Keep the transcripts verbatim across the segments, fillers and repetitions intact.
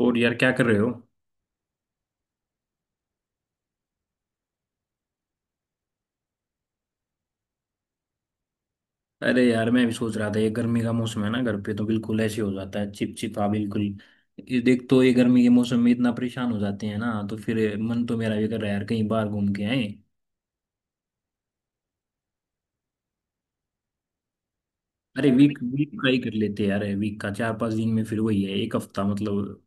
और यार, क्या कर रहे हो? अरे यार, मैं भी सोच रहा था, ये गर्मी का मौसम है ना, घर पे तो बिल्कुल ऐसे हो जाता है, चिपचिपा बिल्कुल। ये देख तो, ये गर्मी के मौसम में इतना परेशान हो जाते हैं ना, तो फिर मन तो मेरा भी कर रहा है यार, कहीं बाहर घूम के आए। अरे वीक वीक का ही कर लेते हैं यार, वीक का चार पांच दिन में फिर वही है, एक हफ्ता मतलब।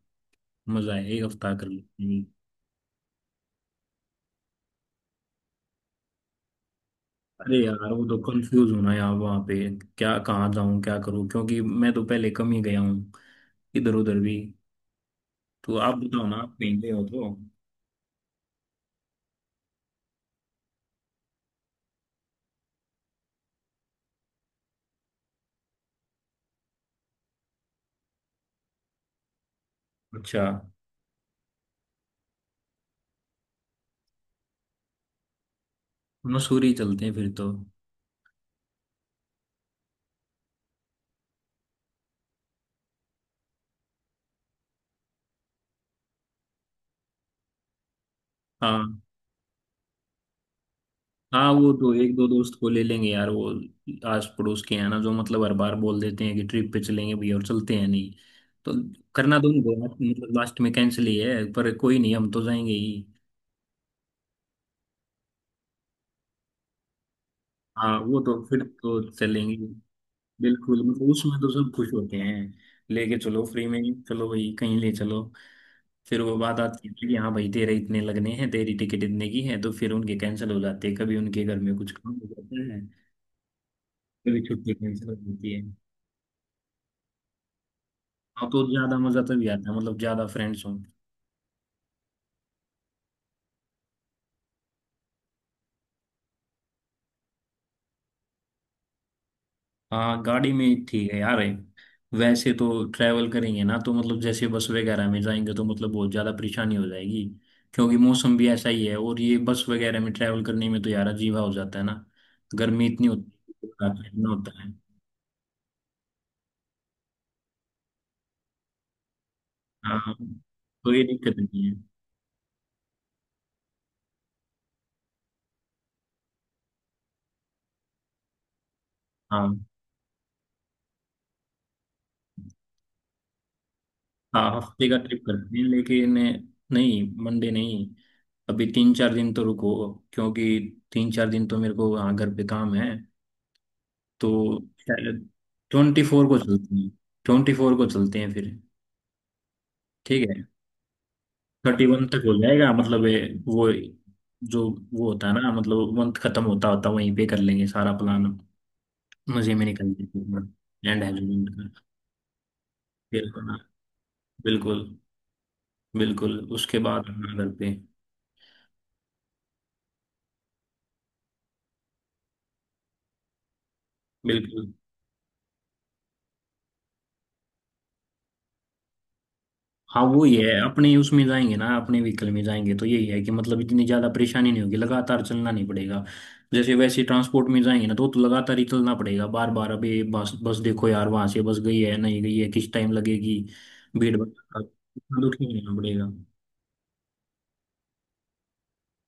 मजा है, एक हफ्ता कर लेते हैं। अरे यार, वो तो कंफ्यूज होना यार वहां पे, क्या कहाँ जाऊं क्या करूं, क्योंकि मैं तो पहले कम ही गया हूँ, इधर उधर भी। तो आप बताओ ना, आप कहीं गए हो तो? अच्छा, मसूरी चलते हैं फिर तो। हाँ हाँ, वो तो एक दो दोस्त को ले लेंगे यार, वो आस पड़ोस के हैं ना, जो मतलब हर बार बोल देते हैं कि ट्रिप पे चलेंगे भैया और चलते हैं नहीं। तो करना तो उनको है, मतलब लास्ट में कैंसिल ही है, पर कोई नहीं, हम तो जाएंगे ही। हाँ, वो तो फिर तो चलेंगे। बिल्कुल, मतलब उसमें तो सब खुश होते हैं। लेके चलो फ्री में। चलो भाई, कहीं ले चलो। फिर वो बात आती है कि हाँ भाई, तेरे इतने लगने हैं, तेरी टिकट इतने की है, तो फिर उनके कैंसिल हो जाते हैं, कभी उनके घर में कुछ काम हो जाता है, भी छुट्टी कैंसिल होती है। हाँ, तो ज्यादा मजा तभी आता है, मतलब ज्यादा फ्रेंड्स हों। हाँ गाड़ी में ठीक है यार। वैसे तो ट्रैवल करेंगे ना तो, मतलब जैसे बस वगैरह में जाएंगे तो मतलब बहुत ज्यादा परेशानी हो जाएगी। क्योंकि मौसम भी ऐसा ही है, और ये बस वगैरह में ट्रैवल करने में तो यार अजीबा हो जाता है ना, गर्मी इतनी होती है, इतना होता है। हाँ, तो ये दिक्कत नहीं है। हाँ हाँ, हफ्ते का ट्रिप करते हैं, लेकिन नहीं, मंडे नहीं। अभी तीन चार दिन तो रुको, क्योंकि तीन चार दिन तो मेरे को वहाँ घर पे काम है तो। शायद ट्वेंटी फोर को चलते हैं। ट्वेंटी फोर को चलते हैं फिर। ठीक है, थर्टी वन तक हो जाएगा, मतलब ये वो जो वो होता है ना, मतलब मंथ खत्म होता होता वहीं पे कर लेंगे सारा प्लान। मजे में निकल जाएंगे एंड हैप्पी। बिल्कुल। बिल्कुल। बिल्कुल उसके बाद अपना घर पे। बिल्कुल। हाँ वो ही है, अपने उसमें जाएंगे ना, अपने व्हीकल में जाएंगे तो यही है कि मतलब इतनी ज्यादा परेशानी नहीं होगी, लगातार चलना नहीं पड़ेगा। जैसे वैसे ट्रांसपोर्ट में जाएंगे ना तो, तो लगातार ही चलना पड़ेगा, बार बार अभी बस बस देखो यार, वहां से बस गई है नहीं गई है, किस टाइम लगेगी, भीड़ भड़का इतना तो ठीक रहना पड़ेगा।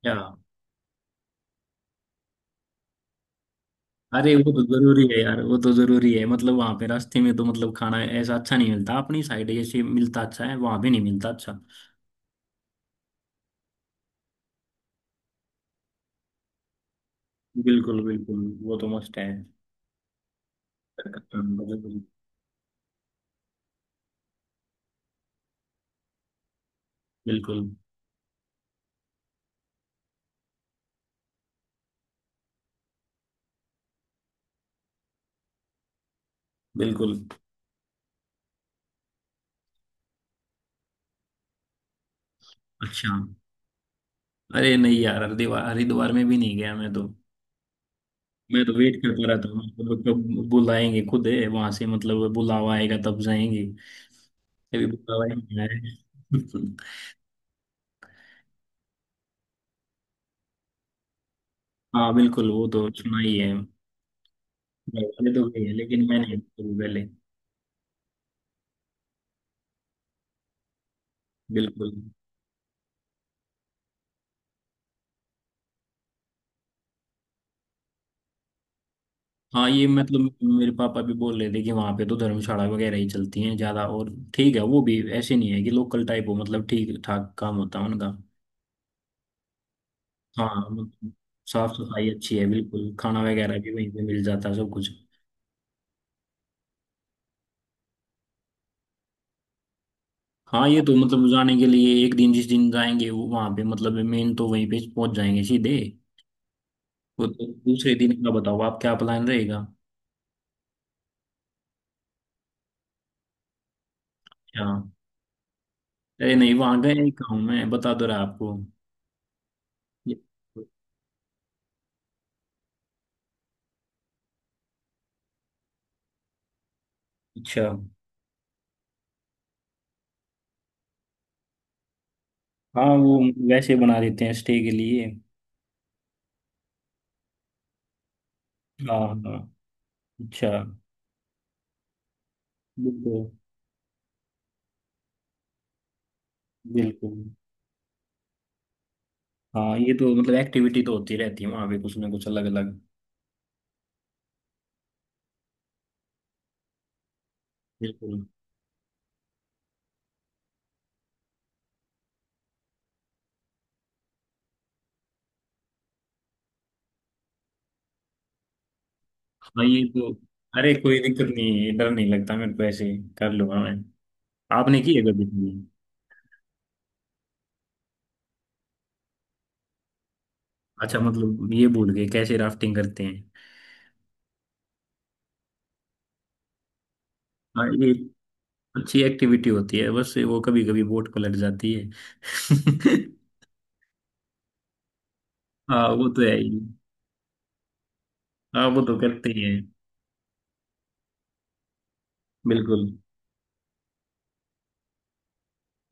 क्या? अरे वो तो जरूरी है यार, वो तो जरूरी है, मतलब वहां पे रास्ते में तो मतलब खाना ऐसा अच्छा नहीं मिलता, अपनी साइड जैसे मिलता अच्छा है, वहां पे नहीं मिलता अच्छा। बिल्कुल बिल्कुल, वो तो मस्त है। हम्म, बिल्कुल। बिल्कुल। अच्छा। अरे नहीं यार, हरिद्वार हरिद्वार में भी नहीं गया मैं तो। मैं तो वेट करता रहता हूँ, मतलब कब बुलाएंगे, खुद है वहां से मतलब बुलावा आएगा तब जाएंगे। अभी बुलावा ही नहीं आया है। हाँ बिल्कुल, वो तो सुना ही है। पहले तो गई है, लेकिन मैं नहीं गई पहले। बिल्कुल। हाँ, ये मतलब मेरे पापा भी बोल रहे थे कि वहाँ पे तो धर्मशाला वगैरह ही चलती हैं ज्यादा, और ठीक है, वो भी ऐसे नहीं है कि लोकल टाइप हो, मतलब ठीक ठाक काम होता है उनका। हाँ मतलब, साफ सफाई अच्छी है बिल्कुल, खाना वगैरह भी वहीं पे मिल जाता है सब कुछ। हाँ ये तो, मतलब जाने के लिए एक दिन, जिस दिन जाएंगे वो वहाँ पे, मतलब मेन तो वहीं पे पहुंच जाएंगे सीधे। वो तो दूसरे दिन का बताओ आप, क्या प्लान रहेगा? हाँ, अरे नहीं, वहाँ गए ही कहूँ मैं, बता दो रहा आपको। ये- अच्छा। हाँ वो वैसे बना देते हैं स्टे के लिए। हाँ हाँ। अच्छा। बिल्कुल। बिल्कुल। हाँ ये तो मतलब एक्टिविटी तो होती रहती है वहाँ पे, कुछ ना कुछ अलग अलग। बिल्कुल। हाँ ये तो, अरे कोई दिक्कत नहीं है, डर नहीं लगता मेरे को ऐसे। कर लूंगा मैं। आपने की है कभी भी? अच्छा, मतलब ये भूल गए कैसे राफ्टिंग करते हैं। हाँ ये अच्छी एक्टिविटी होती है, बस वो कभी कभी बोट पलट जाती है। हाँ वो तो है ही। हाँ वो तो करते ही है। बिल्कुल।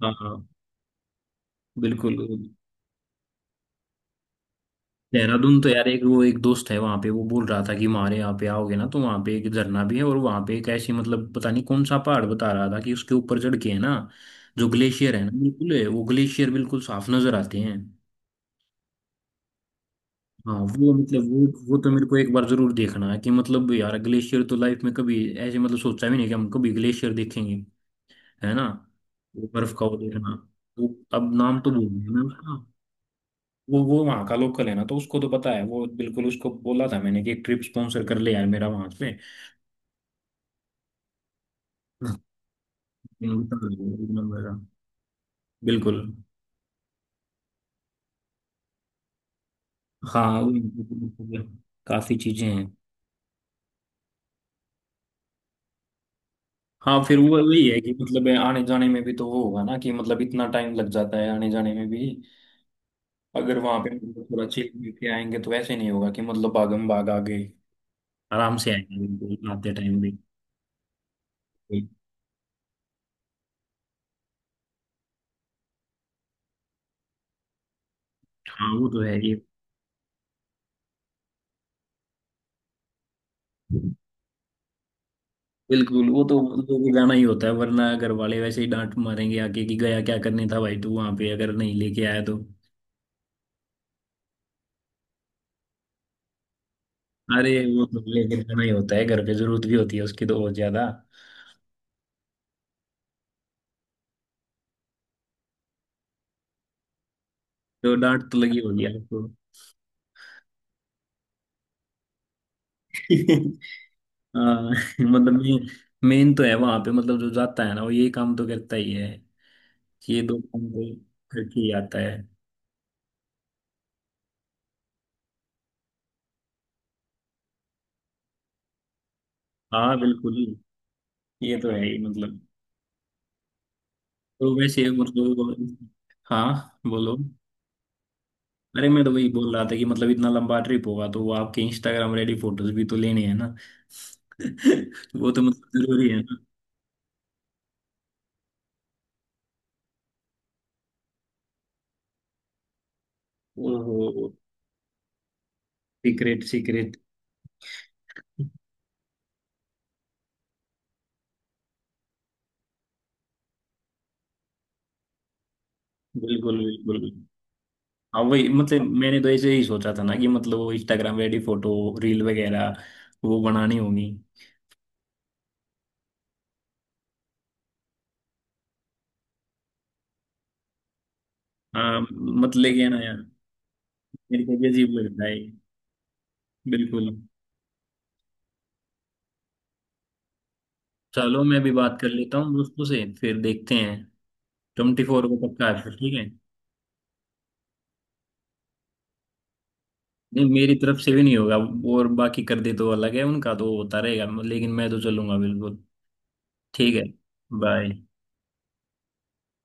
हाँ हाँ। बिल्कुल। देहरादून तो यार, एक वो एक दोस्त है वहां पे, वो बोल रहा था कि हमारे यहाँ पे आओगे ना तो वहां पे एक झरना भी है, और वहां पे एक ऐसी, मतलब पता नहीं कौन सा पहाड़ बता रहा था कि उसके ऊपर चढ़ के है ना, जो ग्लेशियर है ना बिल्कुल है, वो ग्लेशियर बिल्कुल साफ नजर आते हैं। हाँ वो मतलब वो वो तो मेरे को एक बार जरूर देखना है, कि मतलब यार ग्लेशियर तो लाइफ में कभी ऐसे मतलब सोचा भी नहीं कि हम कभी ग्लेशियर देखेंगे, है ना। वो बर्फ का वो देखना। वो, अब नाम तो भूल गया मैं उसका। वो वो वहाँ का लोकल है ना तो उसको तो पता है वो, बिल्कुल उसको बोला था मैंने कि ट्रिप स्पॉन्सर कर ले यार मेरा वहां पे। बिल्कुल। हाँ काफी चीजें हैं। हाँ फिर वो वही है कि मतलब आने जाने में भी तो वो होगा ना कि मतलब इतना टाइम लग जाता है आने जाने में भी। अगर वहां पे मतलब थोड़ा चिल लेके आएंगे तो ऐसे नहीं होगा कि मतलब भागम भाग आ गए। आराम से आएंगे बिल्कुल, आते टाइम भी। हाँ वो तो है ये। बिल्कुल, वो तो उनको बुलाना ही होता है, वरना घर वाले वैसे ही डांट मारेंगे आके कि गया क्या करने था भाई तू वहां पे, अगर नहीं लेके आया तो। अरे वो तो लेके जाना ही होता है, घर पे जरूरत भी होती है उसकी तो बहुत ज्यादा। तो डांट तो लगी होगी आपको। हाँ मतलब मेन, मेन तो है वहां पे, मतलब जो जाता है ना वो ये काम तो करता ही है। ये दो काम तो करके ही आता है। हाँ बिल्कुल। ये तो है ही मतलब। तो वैसे मतलब, हाँ बोलो। अरे मैं तो वही बोल रहा था कि मतलब इतना लंबा ट्रिप होगा तो वो आपके इंस्टाग्राम रेडी फोटोज भी तो लेने हैं ना। वो तो मतलब जरूरी है ना। ओहो। Secret secret. बिल्कुल। बिल्कुल। हाँ वही मतलब मैंने तो ऐसे ही सोचा था ना कि मतलब वो इंस्टाग्राम रेडी फोटो, रील वगैरह, वो बनानी होगी। हाँ, मत लेके आना यार। मेरे को भी अजीब लगता है। बिल्कुल। चलो, मैं भी बात कर लेता हूँ दोस्तों से फिर देखते हैं। ट्वेंटी फोर को पक्का है फिर, ठीक है। नहीं, मेरी तरफ से भी नहीं होगा। और बाकी कर दे तो अलग है, उनका तो होता रहेगा, लेकिन मैं तो चलूंगा बिल्कुल। ठीक है। बाय।